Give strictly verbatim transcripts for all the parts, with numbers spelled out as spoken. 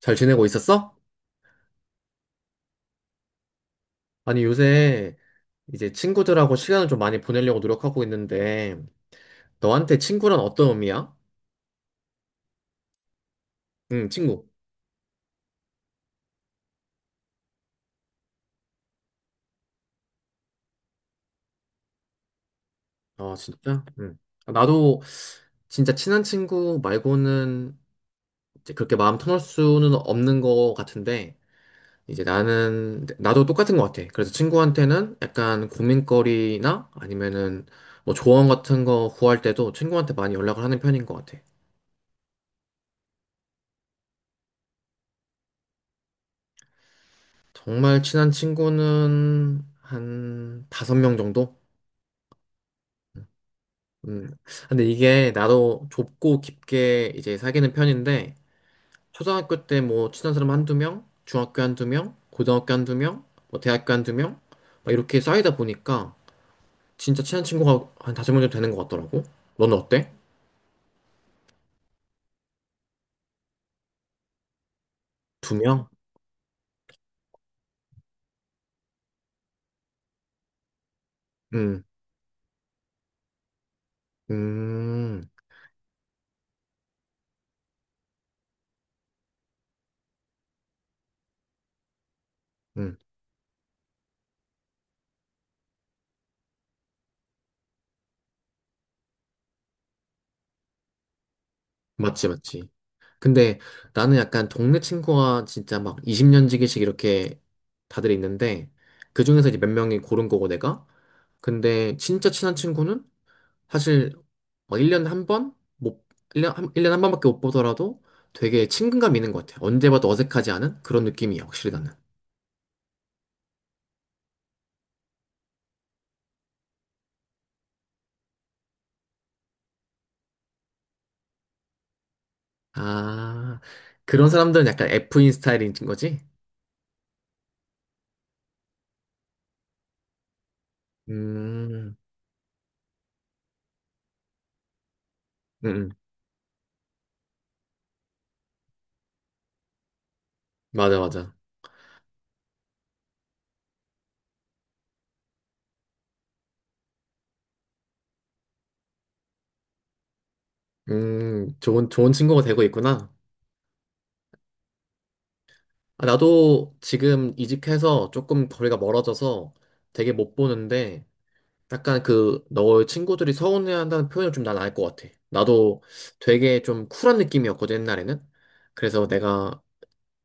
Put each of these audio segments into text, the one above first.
잘 지내고 있었어? 아니, 요새 이제 친구들하고 시간을 좀 많이 보내려고 노력하고 있는데, 너한테 친구란 어떤 의미야? 응, 친구. 아, 진짜? 응. 아, 나도 진짜 친한 친구 말고는 이제 그렇게 마음 터널 수는 없는 것 같은데, 이제 나는, 나도 똑같은 것 같아. 그래서 친구한테는 약간 고민거리나 아니면은 뭐 조언 같은 거 구할 때도 친구한테 많이 연락을 하는 편인 것 같아. 정말 친한 친구는 한 다섯 명 정도? 음. 근데 이게 나도 좁고 깊게 이제 사귀는 편인데, 초등학교 때 뭐 친한 사람 한두 명, 중학교 한두 명, 고등학교 한두 명, 뭐 대학교 한두 명, 막 이렇게 쌓이다 보니까 진짜 친한 친구가 한 다섯 명 정도 되는 것 같더라고. 너는 어때? 두 명? 음, 음, 음. 맞지, 맞지. 근데 나는 약간 동네 친구가 진짜 막 이십 년 지기씩 이렇게 다들 있는데, 그 중에서 이제 몇 명이 고른 거고 내가? 근데 진짜 친한 친구는 사실 막 일 년에 한 번? 못, 일 년, 한, 년에 한 번밖에 못 보더라도 되게 친근감 있는 것 같아. 언제 봐도 어색하지 않은 그런 느낌이야, 확실히 나는. 아, 그런 사람들은 약간 F인 스타일인 거지? 음, 음, 음. 맞아, 맞아. 음, 좋은, 좋은 친구가 되고 있구나. 아, 나도 지금 이직해서 조금 거리가 멀어져서 되게 못 보는데, 약간 그 너의 친구들이 서운해한다는 표현을 좀 난 알 것 같아. 나도 되게 좀 쿨한 느낌이었거든 옛날에는. 그래서 내가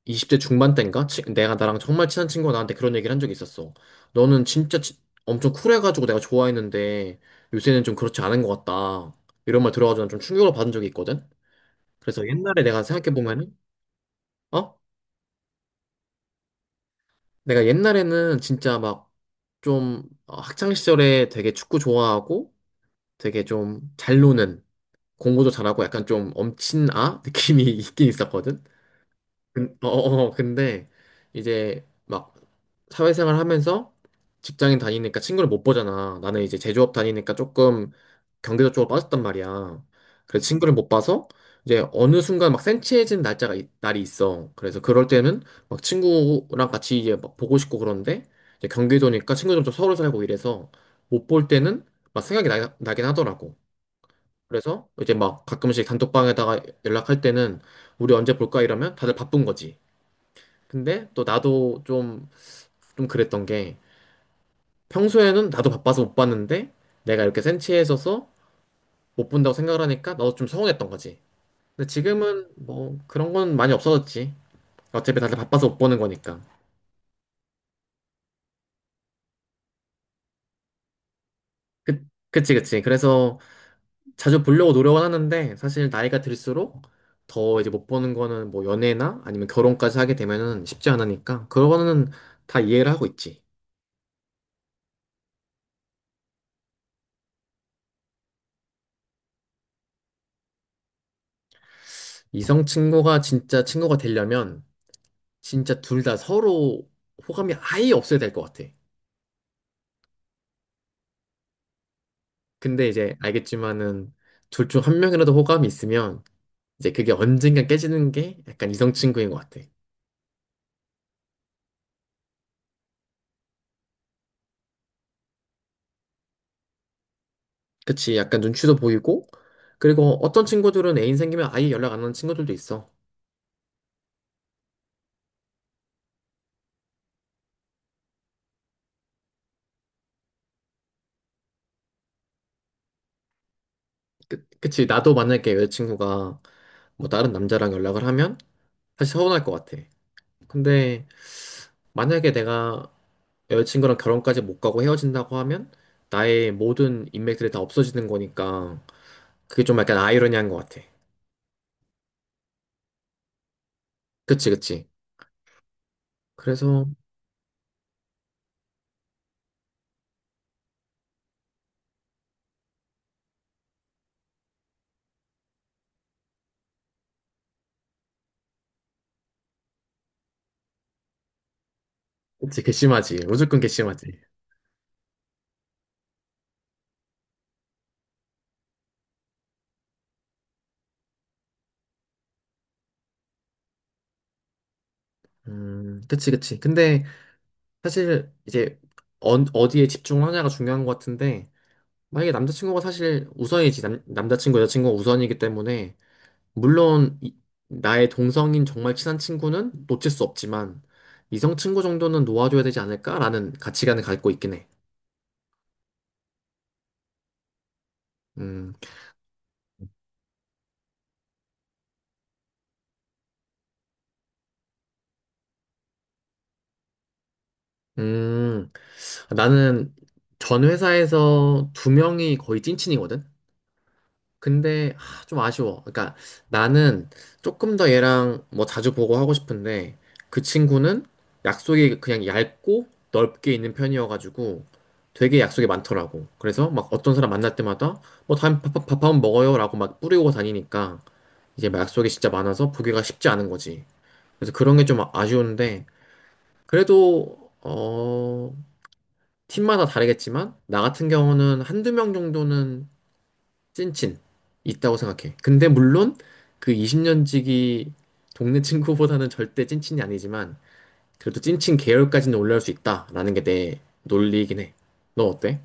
이십 대 중반 때인가? 치- 내가 나랑 정말 친한 친구가 나한테 그런 얘기를 한 적이 있었어. 너는 진짜 치- 엄청 쿨해가지고 내가 좋아했는데 요새는 좀 그렇지 않은 것 같다. 이런 말 들어가지고 난 좀 충격을 받은 적이 있거든. 그래서 옛날에 내가 생각해보면은 어? 내가 옛날에는 진짜 막 좀 학창 시절에 되게 축구 좋아하고 되게 좀 잘 노는 공부도 잘하고 약간 좀 엄친 아 느낌이 있긴 있었거든. 근, 어, 어, 어, 근데 이제 막 사회생활 하면서 직장인 다니니까 친구를 못 보잖아. 나는 이제 제조업 다니니까 조금 경제적 쪽으로 빠졌단 말이야. 그래서 친구를 못 봐서 이제 어느 순간 막 센치해진 날짜가 있- 날이 있어. 그래서 그럴 때는 막 친구랑 같이 이제 막 보고 싶고 그런데 이제 경기도니까 친구들도 서울 살고 이래서 못 볼 때는 막 생각이 나, 나긴 하더라고. 그래서 이제 막 가끔씩 단톡방에다가 연락할 때는 우리 언제 볼까 이러면 다들 바쁜 거지. 근데 또 나도 좀, 좀 그랬던 게 평소에는 나도 바빠서 못 봤는데 내가 이렇게 센치해 있어서 못 본다고 생각을 하니까 나도 좀 서운했던 거지. 근데 지금은 뭐 그런 건 많이 없어졌지. 어차피 다들 바빠서 못 보는 거니까. 그, 그치, 그치. 그래서 자주 보려고 노력은 하는데 사실 나이가 들수록 더 이제 못 보는 거는 뭐 연애나 아니면 결혼까지 하게 되면은 쉽지 않으니까 그거는 다 이해를 하고 있지. 이성 친구가 진짜 친구가 되려면 진짜 둘 다 서로 호감이 아예 없어야 될 것 같아. 근데 이제 알겠지만은 둘 중 한 명이라도 호감이 있으면 이제 그게 언젠가 깨지는 게 약간 이성 친구인 것 같아. 그치? 약간 눈치도 보이고 그리고 어떤 친구들은 애인 생기면 아예 연락 안 하는 친구들도 있어. 그, 그치 나도 만약에 여자친구가 뭐 다른 남자랑 연락을 하면 사실 서운할 것 같아. 근데 만약에 내가 여자친구랑 결혼까지 못 가고 헤어진다고 하면 나의 모든 인맥들이 다 없어지는 거니까 그게 좀 약간 아이러니한 것 같아. 그치, 그치. 그래서, 그치, 괘씸하지. 무조건 괘씸하지. 음, 그치, 그치. 근데 사실 이제 어, 어디에 집중하냐가 중요한 것 같은데 만약에 남자친구가 사실 우선이지 남, 남자친구, 여자친구가 우선이기 때문에 물론 이- 나의 동성인 정말 친한 친구는 놓칠 수 없지만 이성 친구 정도는 놓아줘야 되지 않을까라는 가치관을 갖고 있긴 해. 음, 음, 나는 전 회사에서 두 명이 거의 찐친이거든. 근데 아, 좀 아쉬워. 그러니까 나는 조금 더 얘랑 뭐 자주 보고 하고 싶은데 그 친구는 약속이 그냥 얇고 넓게 있는 편이어가지고 되게 약속이 많더라고. 그래서 막 어떤 사람 만날 때마다 뭐 다음 밥, 밥, 밥 한번 먹어요라고 막 뿌리고 다니니까 이제 막 약속이 진짜 많아서 보기가 쉽지 않은 거지. 그래서 그런 게 좀 아쉬운데 그래도 어 팀마다 다르겠지만 나 같은 경우는 한두 명 정도는 찐친 있다고 생각해. 근데 물론 그 이십 년지기 동네 친구보다는 절대 찐친이 아니지만 그래도 찐친 계열까지는 올라올 수 있다라는 게 내 논리이긴 해. 너 어때?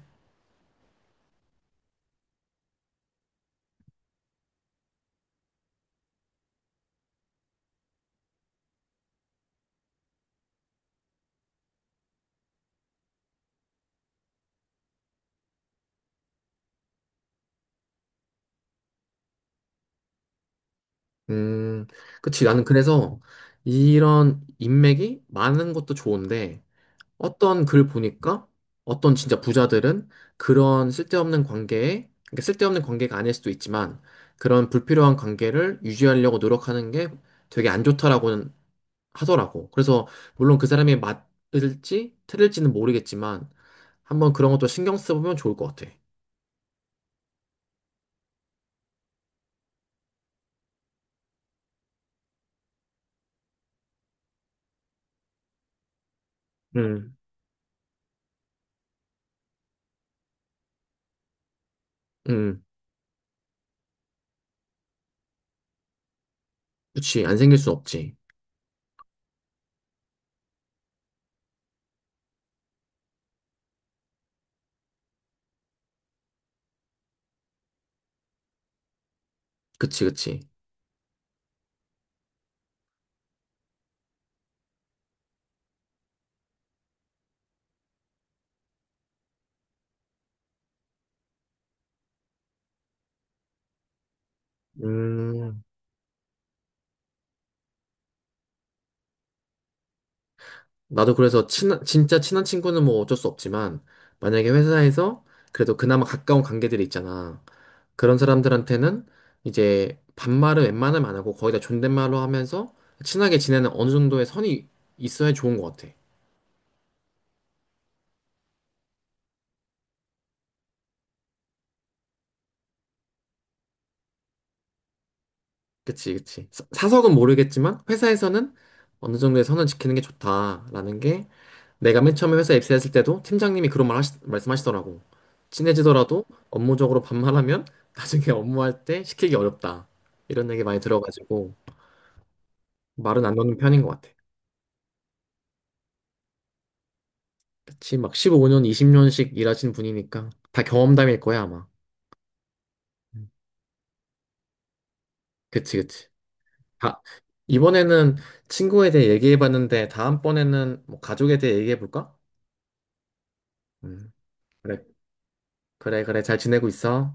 음, 그치. 나는 그래서 이런 인맥이 많은 것도 좋은데 어떤 글 보니까 어떤 진짜 부자들은 그런 쓸데없는 관계에, 그러니까 쓸데없는 관계가 아닐 수도 있지만 그런 불필요한 관계를 유지하려고 노력하는 게 되게 안 좋다라고는 하더라고. 그래서 물론 그 사람이 맞을지 틀릴지는 모르겠지만 한번 그런 것도 신경 써보면 좋을 것 같아. 음, 음, 그치. 안 생길 순 없지. 그치, 그치. 음, 나도 그래서 친한, 진짜 친한 친구는 뭐 어쩔 수 없지만 만약에 회사에서 그래도 그나마 가까운 관계들이 있잖아. 그런 사람들한테는 이제 반말을 웬만하면 안 하고 거의 다 존댓말로 하면서 친하게 지내는 어느 정도의 선이 있어야 좋은 것 같아. 그치, 그치. 사- 사석은 모르겠지만 회사에서는 어느 정도의 선을 지키는 게 좋다라는 게 내가 맨 처음에 회사 입사했을 때도 팀장님이 그런 말 하시, 말씀하시더라고. 친해지더라도 업무적으로 반말하면 나중에 업무할 때 시키기 어렵다. 이런 얘기 많이 들어가지고 말은 안 놓는 편인 것 같아. 그치, 막 십오 년, 이십 년씩 일하신 분이니까 다 경험담일 거야, 아마. 음. 그치, 그치. 아, 이번에는 친구에 대해 얘기해봤는데 다음번에는 뭐 가족에 대해 얘기해볼까? 음. 그래. 그래, 그래. 잘 지내고 있어?